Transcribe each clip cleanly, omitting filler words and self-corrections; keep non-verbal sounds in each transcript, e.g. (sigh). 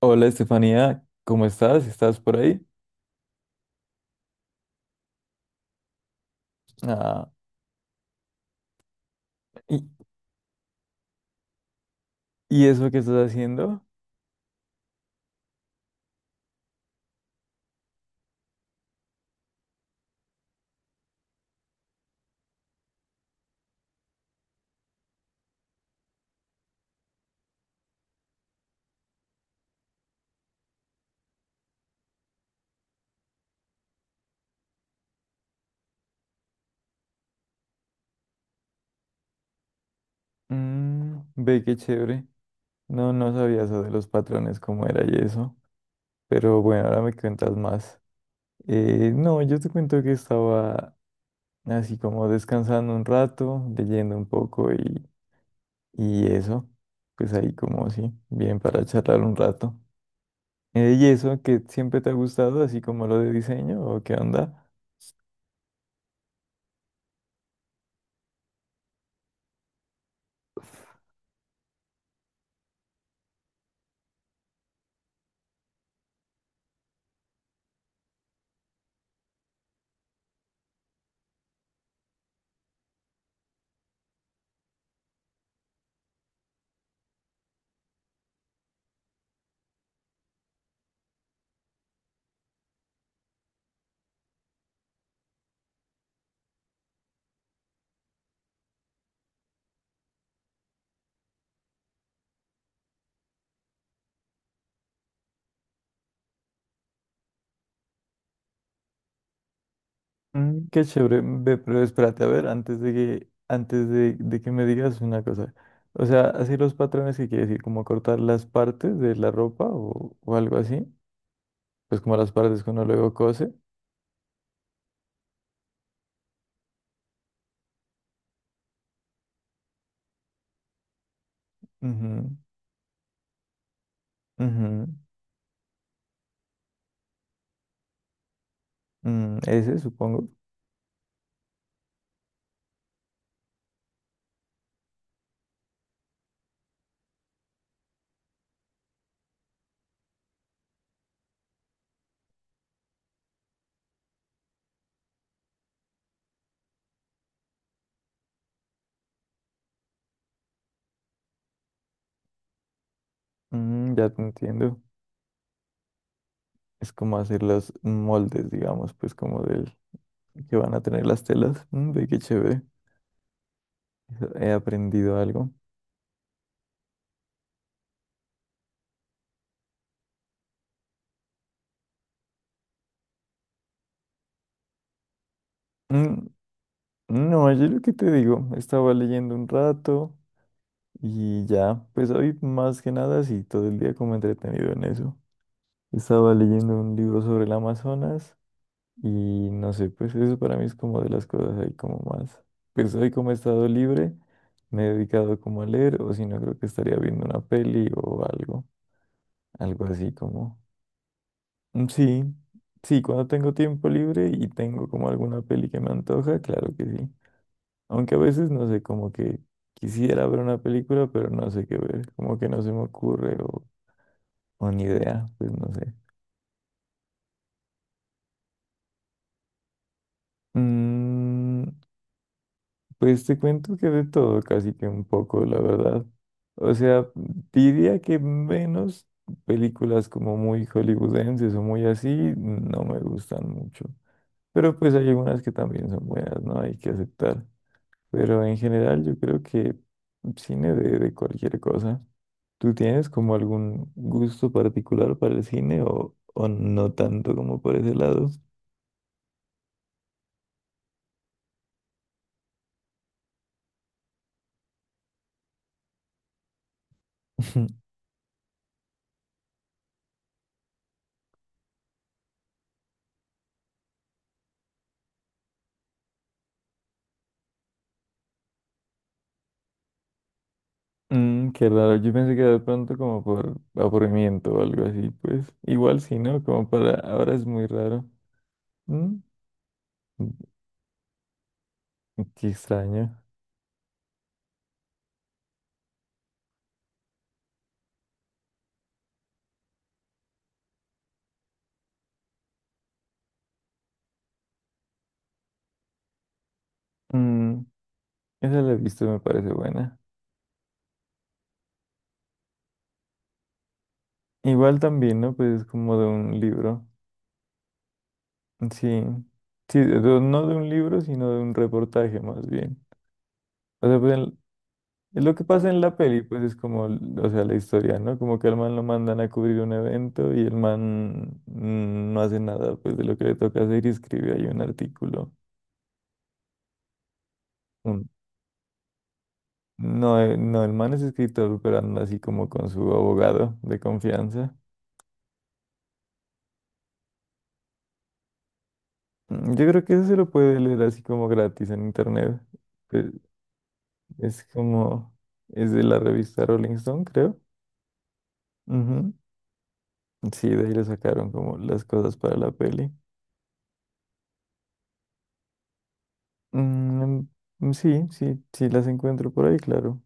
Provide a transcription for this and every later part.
Hola Estefanía, ¿cómo estás? ¿Estás por ahí? Ah, ¿y, y eso que estás haciendo? Mm, ve qué chévere. No, no sabía eso de los patrones, cómo era y eso. Pero bueno, ahora me cuentas más. No, yo te cuento que estaba así como descansando un rato, leyendo un poco y eso. Pues ahí como sí, bien para charlar un rato. ¿Y eso que siempre te ha gustado, así como lo de diseño o qué onda? Mm, qué chévere, ve, pero espérate, a ver, antes de que me digas una cosa. O sea, así los patrones que quiere decir, como cortar las partes de la ropa o algo así, pues como las partes que uno luego cose. Ujú, ujú, mm, ese, supongo. Mm, ya te entiendo. Es como hacer los moldes, digamos, pues como del que van a tener las telas. Mm, ve, qué chévere. He aprendido algo. Mm, no, yo lo que te digo, estaba leyendo un rato. Y ya, pues hoy más que nada sí, todo el día como entretenido en eso. Estaba leyendo un libro sobre el Amazonas y no sé, pues eso para mí es como de las cosas ahí como más. Pues hoy como he estado libre, me he dedicado como a leer o si no creo que estaría viendo una peli o algo así como. Mm, sí, sí, cuando tengo tiempo libre y tengo como alguna peli que me antoja, claro que sí. Aunque a veces no sé, como que quisiera ver una película, pero no sé qué ver, como que no se me ocurre o ni idea, pues no sé. Mm, pues te cuento que de todo, casi que un poco, la verdad. O sea, diría que menos películas como muy hollywoodenses o muy así, no me gustan mucho. Pero pues hay algunas que también son buenas, ¿no? Hay que aceptar. Pero en general yo creo que cine de cualquier cosa. ¿Tú tienes como algún gusto particular para el cine o no tanto como por ese lado? (laughs) Mm, qué raro, yo pensé que era de pronto como por aburrimiento o algo así, pues igual sí, ¿no? Como para ahora es muy raro. Mm, mm, qué extraño. Mm, esa la he visto, me parece buena. Igual también, ¿no? Pues es como de un libro. Sí, sí, no de un libro, sino de un reportaje más bien. O sea, pues, es lo que pasa en la peli, pues es como, o sea, la historia, ¿no? Como que al man lo mandan a cubrir un evento y el man no hace nada, pues de lo que le toca hacer y escribe ahí un artículo. Un- No, no, el man es escritor, pero anda así como con su abogado de confianza. Mm, yo creo que eso se lo puede leer así como gratis en internet. Pues, es como, es de la revista Rolling Stone, creo. Ujú. Sí, de ahí le sacaron como las cosas para la peli. Mm, mm, sí, sí, sí las encuentro por ahí, claro.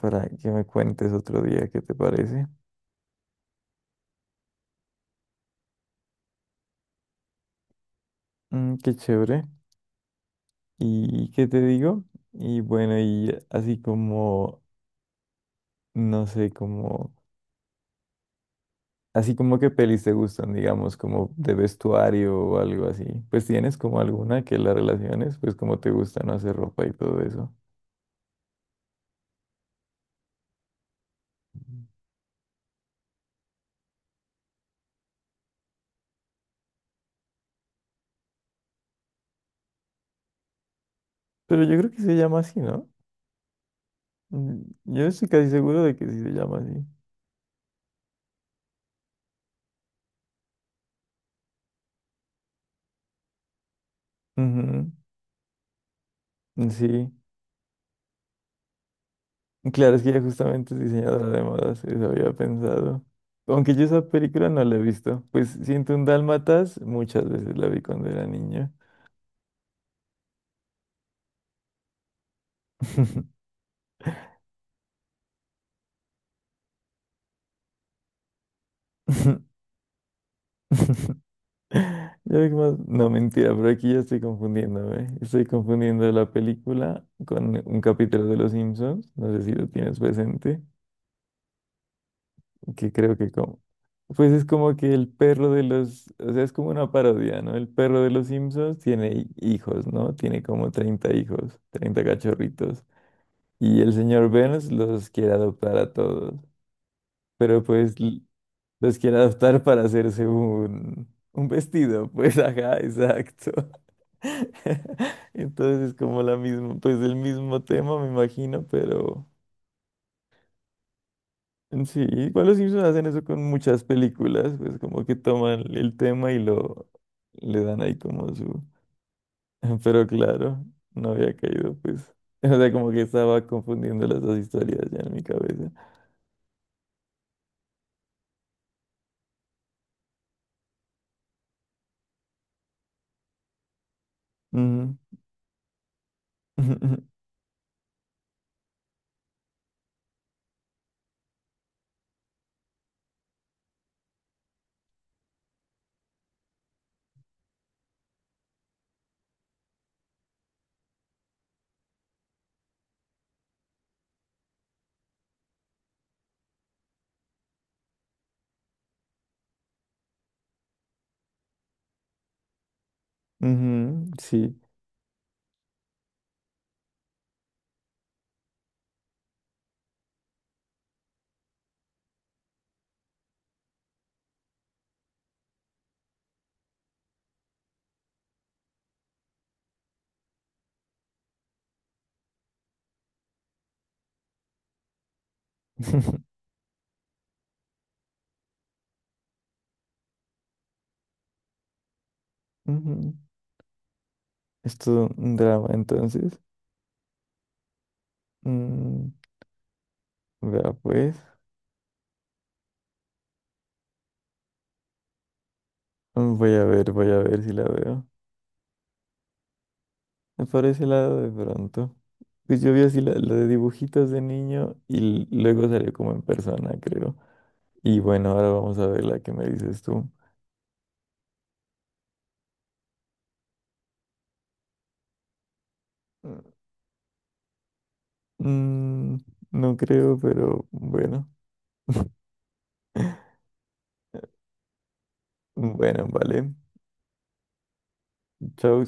Para que me cuentes otro día qué te parece. Mm, qué chévere. ¿Y qué te digo? Y bueno, y así como, no sé, como, así como qué pelis te gustan, digamos, como de vestuario o algo así. Pues tienes como alguna que la relaciones, pues como te gusta, no hacer ropa y todo eso. Pero yo creo que se llama así, ¿no? Mm, yo estoy casi seguro de que sí se llama así. Ujú, sí. Claro, es que ella justamente es diseñadora de modas, eso había pensado. Aunque yo esa película no la he visto, pues siento un dálmatas, muchas veces la vi cuando era niño. (laughs) No, mentira, pero aquí ya estoy confundiéndome. Estoy confundiendo la película con un capítulo de Los Simpsons, no sé si lo tienes presente. Que creo que como, pues es como que el perro de los, o sea, es como una parodia, ¿no? El perro de los Simpsons tiene hijos, ¿no? Tiene como 30 hijos, 30 cachorritos. Y el señor Burns los quiere adoptar a todos, pero pues los quiere adoptar para hacerse un vestido, pues (laughs) ajá, exacto. (laughs) Entonces es como la misma, pues el mismo tema, me imagino, pero. Sí, igual los Simpsons hacen eso con muchas películas, pues como que toman el tema y lo le dan ahí como su. (laughs) Pero claro, no había caído, pues. (laughs) O sea, como que estaba confundiendo las dos historias ya en mi cabeza. Ujú, (laughs) ujú, ujú, sí. (laughs) Ujú. Es todo un drama, entonces. Mm, vea, pues. Mm, voy a ver, voy a ver si la veo. Por ese lado, de pronto. Pues yo vi así la de dibujitos de niño y luego salió como en persona, creo. Y bueno, ahora vamos a ver la que me dices tú. Mm, no creo, pero bueno. (laughs) Bueno, vale. Chao.